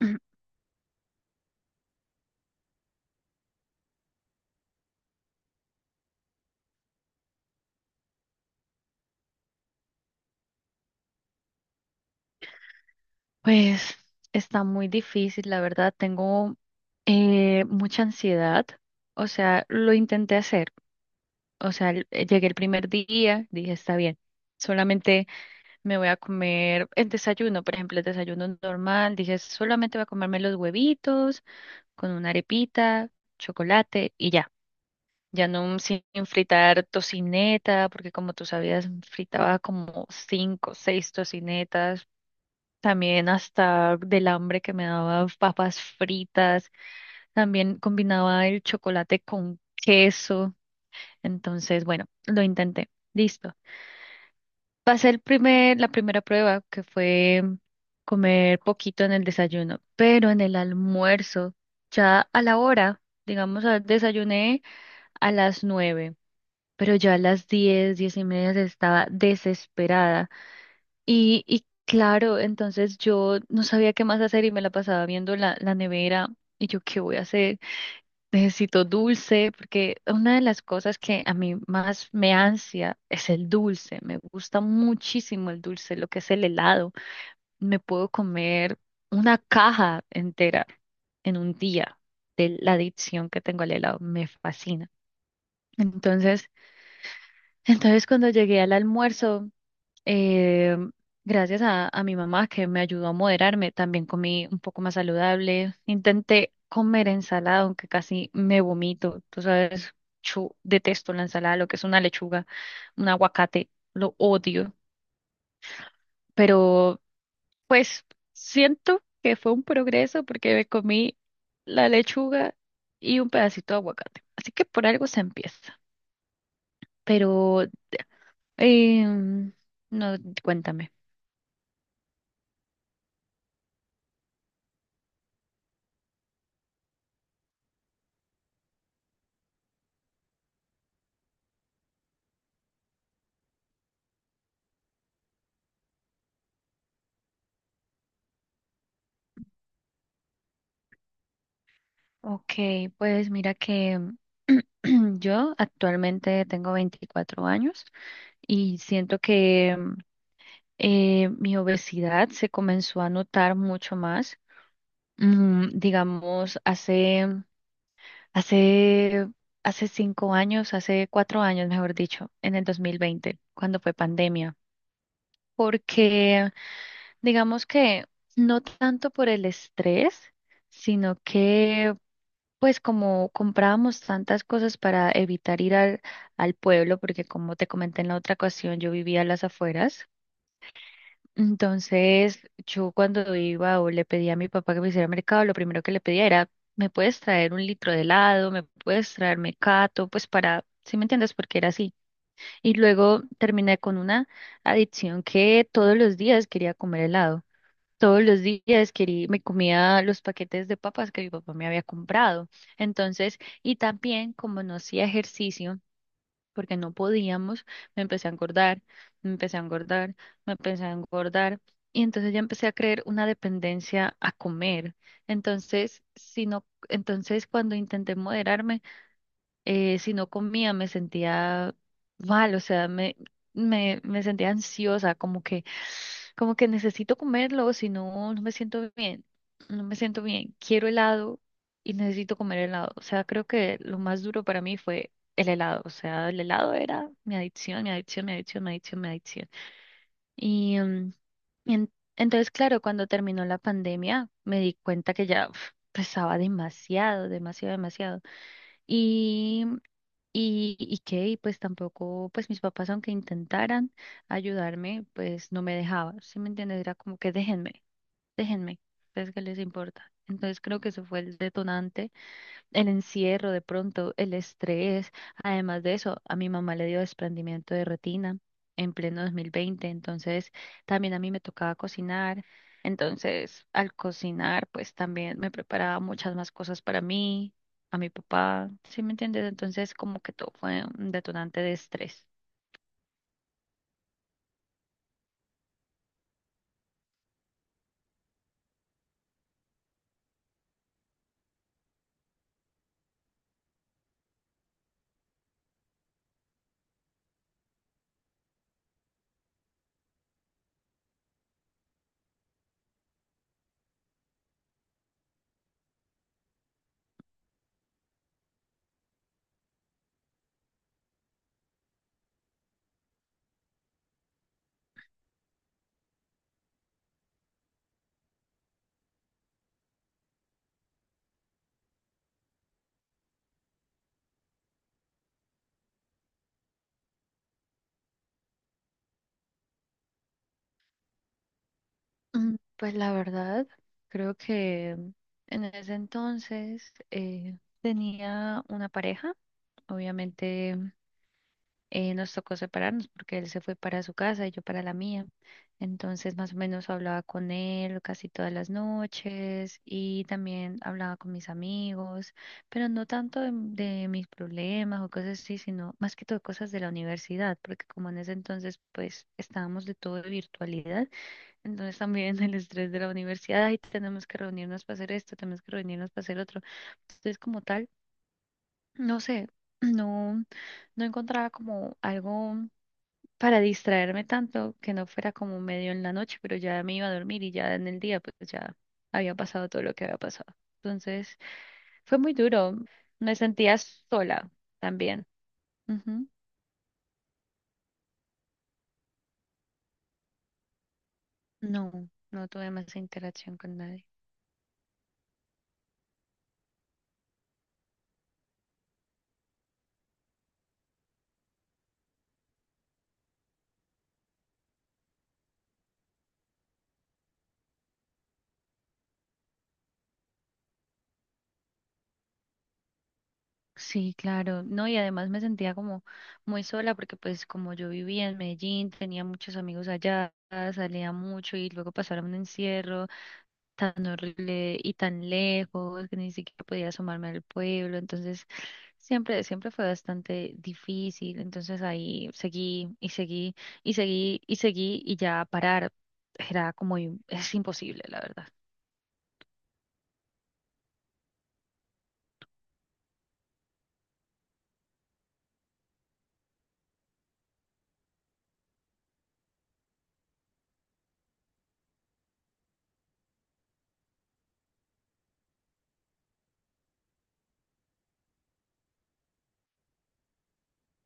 Pues está muy difícil, la verdad. Tengo mucha ansiedad. O sea, lo intenté hacer. O sea, llegué el primer día, dije, está bien. Solamente me voy a comer el desayuno, por ejemplo, el desayuno normal. Dije, solamente voy a comerme los huevitos con una arepita, chocolate y ya. Ya no sin fritar tocineta, porque como tú sabías, fritaba como cinco, seis tocinetas. También hasta del hambre que me daba papas fritas. También combinaba el chocolate con queso. Entonces, bueno, lo intenté. Listo. Pasé la primera prueba, que fue comer poquito en el desayuno, pero en el almuerzo, ya a la hora, digamos, desayuné a las nueve, pero ya a las diez, diez y media estaba desesperada. Y claro, entonces yo no sabía qué más hacer y me la pasaba viendo la nevera y yo, ¿qué voy a hacer? Necesito dulce, porque una de las cosas que a mí más me ansia es el dulce. Me gusta muchísimo el dulce, lo que es el helado. Me puedo comer una caja entera en un día de la adicción que tengo al helado. Me fascina. Entonces, entonces cuando llegué al almuerzo eh, gracias a mi mamá que me ayudó a moderarme, también comí un poco más saludable. Intenté comer ensalada, aunque casi me vomito. Tú sabes, yo detesto la ensalada, lo que es una lechuga, un aguacate, lo odio. Pero pues siento que fue un progreso porque me comí la lechuga y un pedacito de aguacate. Así que por algo se empieza. Pero, em, no, cuéntame. Ok, pues mira que yo actualmente tengo 24 años y siento que mi obesidad se comenzó a notar mucho más. Digamos, hace, hace cinco años, hace cuatro años, mejor dicho, en el 2020, cuando fue pandemia. Porque digamos que no tanto por el estrés, sino que pues como comprábamos tantas cosas para evitar ir al pueblo, porque como te comenté en la otra ocasión, yo vivía a las afueras. Entonces, yo cuando iba o le pedía a mi papá que me hiciera mercado, lo primero que le pedía era, ¿me puedes traer un litro de helado? ¿Me puedes traer mecato? Pues para, ¿sí me entiendes? Porque era así. Y luego terminé con una adicción que todos los días quería comer helado. Todos los días quería, me comía los paquetes de papas que mi papá me había comprado. Entonces, y también como no hacía ejercicio, porque no podíamos, me empecé a engordar, me empecé a engordar, me empecé a engordar. Y entonces ya empecé a creer una dependencia a comer. Entonces, si no, entonces cuando intenté moderarme, si no comía me sentía mal, o sea, me sentía ansiosa, como que necesito comerlo, si no, no me siento bien, no me siento bien, quiero helado y necesito comer helado, o sea, creo que lo más duro para mí fue el helado, o sea, el helado era mi adicción, mi adicción, mi adicción, mi adicción, mi adicción. Y, entonces, claro, cuando terminó la pandemia, me di cuenta que ya uf, pesaba demasiado, demasiado, demasiado. Y pues tampoco, pues mis papás aunque intentaran ayudarme, pues no me dejaban, ¿sí me entiendes? Era como que déjenme, déjenme, pues que les importa. Entonces creo que eso fue el detonante, el encierro de pronto, el estrés. Además de eso, a mi mamá le dio desprendimiento de retina en pleno 2020, entonces también a mí me tocaba cocinar. Entonces, al cocinar, pues también me preparaba muchas más cosas para mí, a mi papá, ¿sí me entiendes? Entonces, como que todo fue un detonante de estrés. Pues la verdad, creo que en ese entonces tenía una pareja, obviamente. Nos tocó separarnos porque él se fue para su casa y yo para la mía. Entonces, más o menos hablaba con él casi todas las noches y también hablaba con mis amigos, pero no tanto de mis problemas o cosas así, sino más que todo cosas de la universidad, porque como en ese entonces, pues estábamos de todo de virtualidad, entonces también el estrés de la universidad, y tenemos que reunirnos para hacer esto, tenemos que reunirnos para hacer otro. Entonces, como tal, no sé, no, no encontraba como algo para distraerme tanto que no fuera como medio en la noche, pero ya me iba a dormir y ya en el día pues ya había pasado todo lo que había pasado. Entonces fue muy duro, me sentía sola también. Ujú. No, no tuve más interacción con nadie. Sí, claro, no, y además me sentía como muy sola porque pues como yo vivía en Medellín, tenía muchos amigos allá, salía mucho y luego pasaron un encierro tan horrible y tan lejos que ni siquiera podía asomarme al pueblo. Entonces, siempre, siempre fue bastante difícil. Entonces ahí seguí y seguí y seguí y seguí y ya parar era como es imposible, la verdad.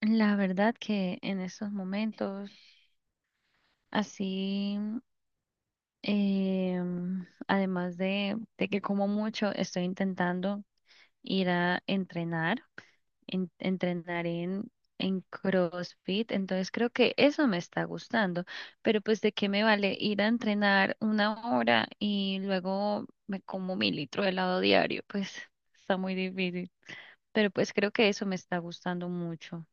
La verdad que en estos momentos, así. Además de que como mucho, estoy intentando ir a entrenar, entrenar en CrossFit, entonces creo que eso me está gustando, pero pues de qué me vale ir a entrenar una hora y luego me como mi litro de helado diario, pues está muy difícil, pero pues creo que eso me está gustando mucho.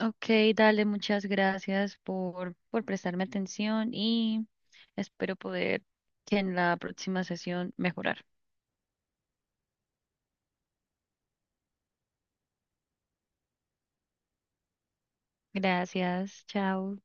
Ok, dale, muchas gracias por prestarme atención y espero poder que en la próxima sesión mejorar. Gracias, chao.